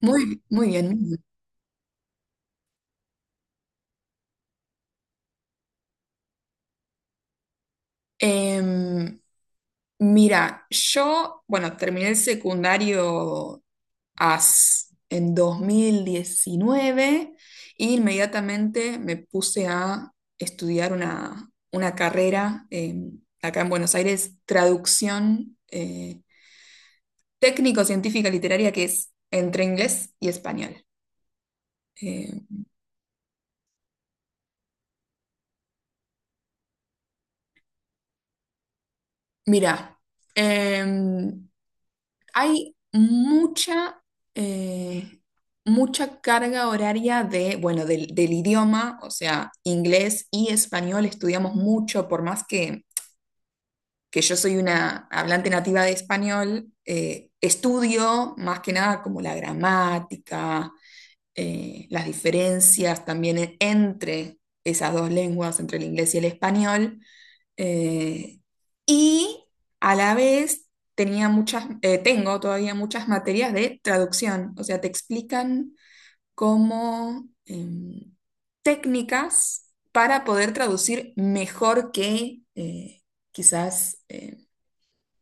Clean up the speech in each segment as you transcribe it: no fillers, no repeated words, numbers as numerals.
Muy, muy bien. Muy bien. Em, mira, bueno, terminé el secundario AS en 2019 e inmediatamente me puse a estudiar una carrera acá en Buenos Aires, traducción técnico-científica literaria, que es entre inglés y español. Eh, mira, em, Hay eh, mucha carga horaria de, bueno, del idioma, o sea, inglés y español estudiamos mucho, por más que yo soy una hablante nativa de español, estudio más que nada como la gramática, las diferencias también entre esas dos lenguas, entre el inglés y el español. Eh, y a la vez tenía muchas, tengo todavía muchas materias de traducción, o sea, te explican cómo técnicas para poder traducir mejor que quizás,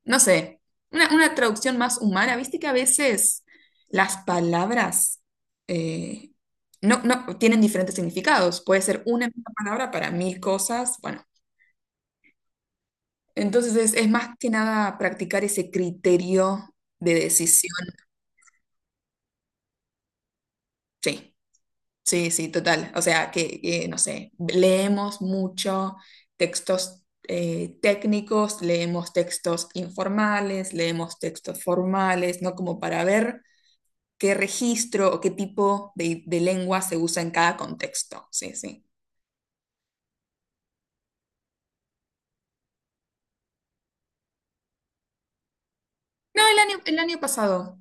no sé, una traducción más humana. Viste que a veces las palabras eh, no tienen diferentes significados. Puede ser una misma palabra para mil cosas. Bueno, entonces es más que nada practicar ese criterio de decisión. Sí, sí, sí, total. O sea, no sé, leemos mucho textos técnicos, leemos textos informales, leemos textos formales, ¿no? Como para ver qué registro o qué tipo de lengua se usa en cada contexto. Sí, sí. No, el año pasado.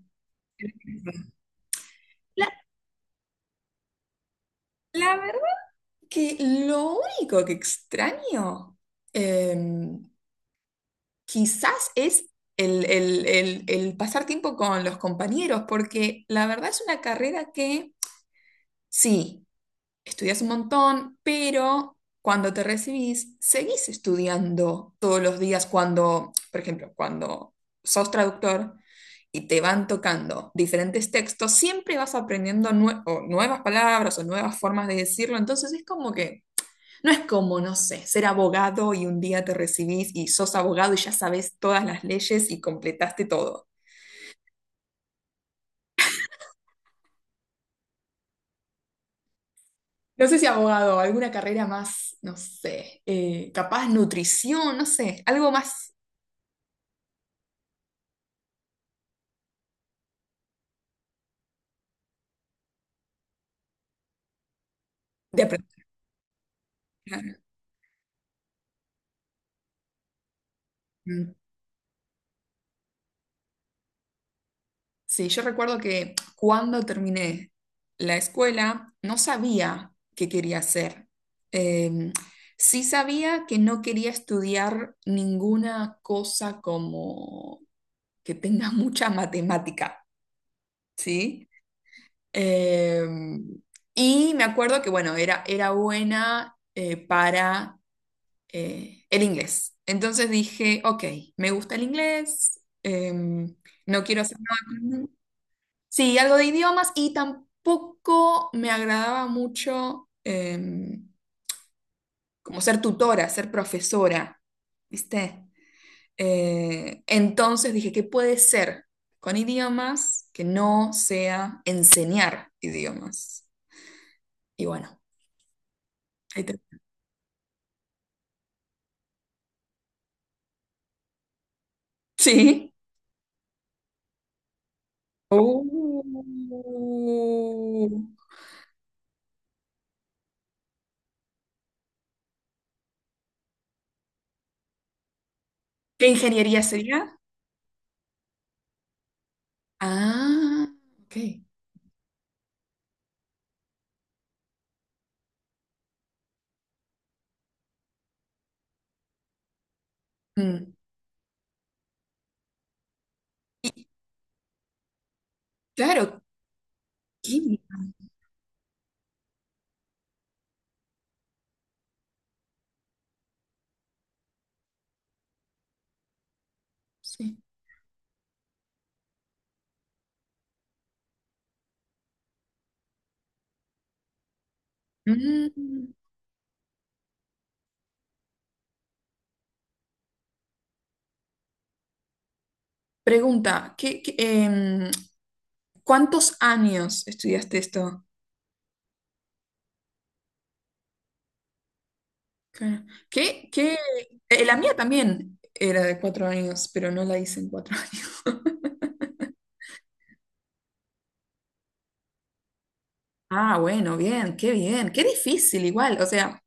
La, la verdad que lo único que extraño... em, quizás es el pasar tiempo con los compañeros, porque la verdad es una carrera que sí, estudias un montón, pero cuando te recibís, seguís estudiando todos los días cuando, por ejemplo, cuando sos traductor. Y te van tocando diferentes textos, siempre vas aprendiendo nue- o nuevas palabras o nuevas formas de decirlo, entonces es como que no es como, no sé, ser abogado y un día te recibís y sos abogado y ya sabes todas las leyes y completaste todo. No sé si abogado, alguna carrera más, no sé, capaz nutrición, no sé, algo más de aprender. Mm. Sí, yo recuerdo que cuando terminé la escuela no sabía qué quería hacer. Em, sí sabía que no quería estudiar ninguna cosa como que tenga mucha matemática, ¿sí? Eh, y me acuerdo que, bueno, era buena para el inglés. Entonces dije, ok, me gusta el inglés, no quiero hacer nada con... Sí, algo de idiomas y tampoco me agradaba mucho como ser tutora, ser profesora, ¿viste? Entonces dije, ¿qué puede ser con idiomas que no sea enseñar idiomas? Y bueno. Ahí. Sí. Oh. ¿Qué ingeniería sería? Ah, ok. Mm. Y claro, química, sí. Mm. Pregunta, ¿cuántos años estudiaste esto? Claro. ¿Qué, qué? La mía también era de 4 años, pero no la hice en cuatro años. Ah, bueno, bien, qué difícil igual, o sea.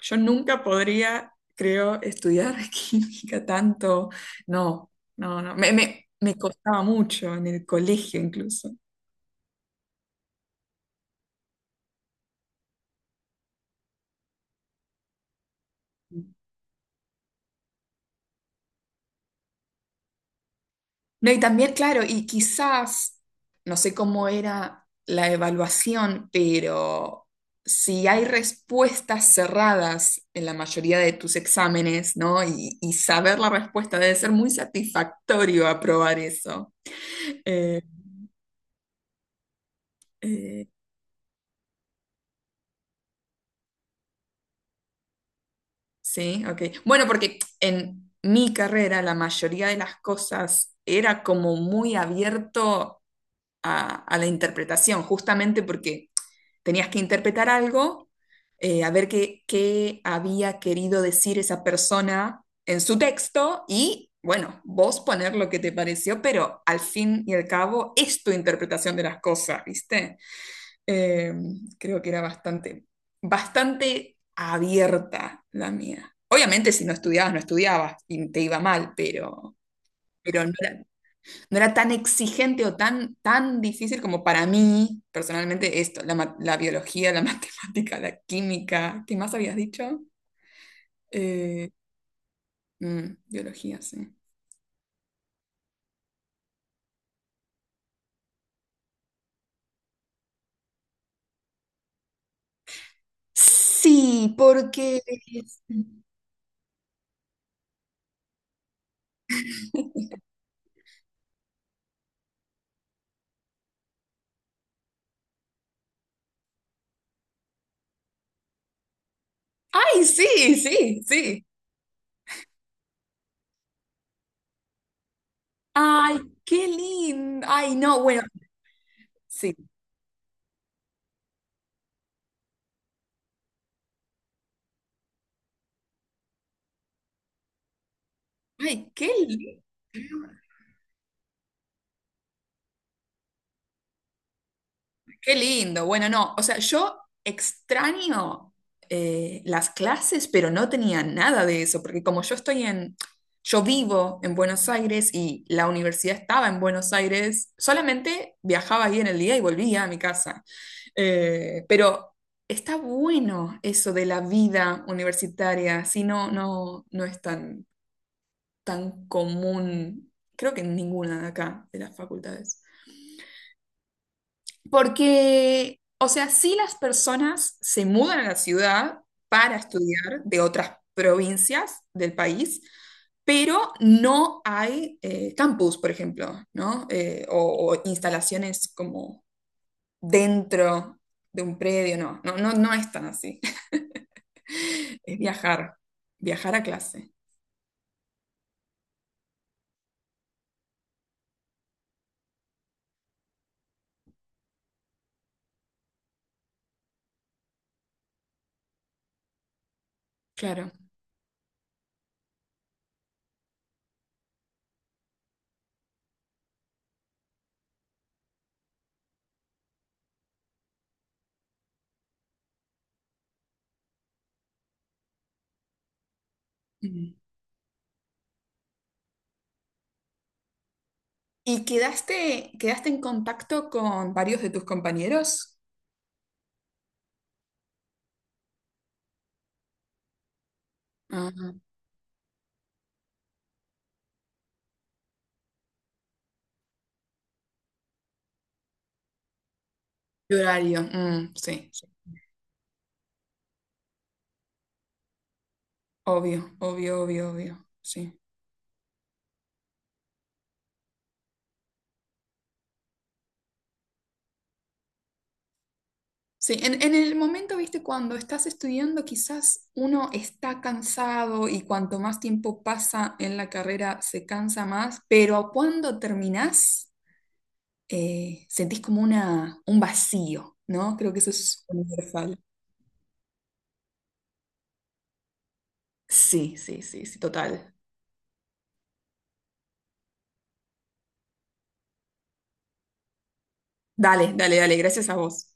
Yo nunca podría, creo, estudiar química tanto. No, no, no. Me costaba mucho en el colegio incluso. No, y también, claro, y quizás, no sé cómo era la evaluación, pero si hay respuestas cerradas en la mayoría de tus exámenes, ¿no? Y saber la respuesta debe ser muy satisfactorio aprobar eso. Eh, eh, Sí ok. Bueno, porque en mi carrera la mayoría de las cosas era como muy abierto a la interpretación, justamente porque tenías que interpretar algo, a ver qué había querido decir esa persona en su texto y, bueno, vos poner lo que te pareció, pero al fin y al cabo es tu interpretación de las cosas, ¿viste? Eh, creo que era bastante abierta la mía. Obviamente, si no estudiabas, no estudiabas y te iba mal, pero, no era, tan exigente o tan, difícil como para mí, personalmente, esto, la, la biología, la matemática, la química. ¿Qué más habías dicho? Eh, biología, sí. Sí, porque... ¡Ay, sí, sí, sí! ¡Ay, qué lindo! ¡Ay, no! Bueno, sí. Ay, qué lindo. Bueno, no, o sea, yo extraño las clases, pero no tenía nada de eso, porque como yo vivo en Buenos Aires y la universidad estaba en Buenos Aires, solamente viajaba ahí en el día y volvía a mi casa. Pero está bueno eso de la vida universitaria, si no, no es tan, común, creo que en ninguna de acá, de las facultades. Porque, o sea, sí las personas se mudan a la ciudad para estudiar de otras provincias del país, pero no hay campus, por ejemplo, ¿no? O instalaciones como dentro de un predio, no, no, no, no es tan así. Es viajar, a clase, claro. Mm. ¿Y quedaste, en contacto con varios de tus compañeros? Ah, de horario, mm, sí. Sí. Obvio, obvio, obvio, obvio. Sí. Sí, en, el momento, viste, cuando estás estudiando, quizás uno está cansado y cuanto más tiempo pasa en la carrera se cansa más, pero cuando terminás, sentís como un vacío, ¿no? Creo que eso es universal. Sí, sí, sí, sí, total. Dale, dale, dale, gracias a vos.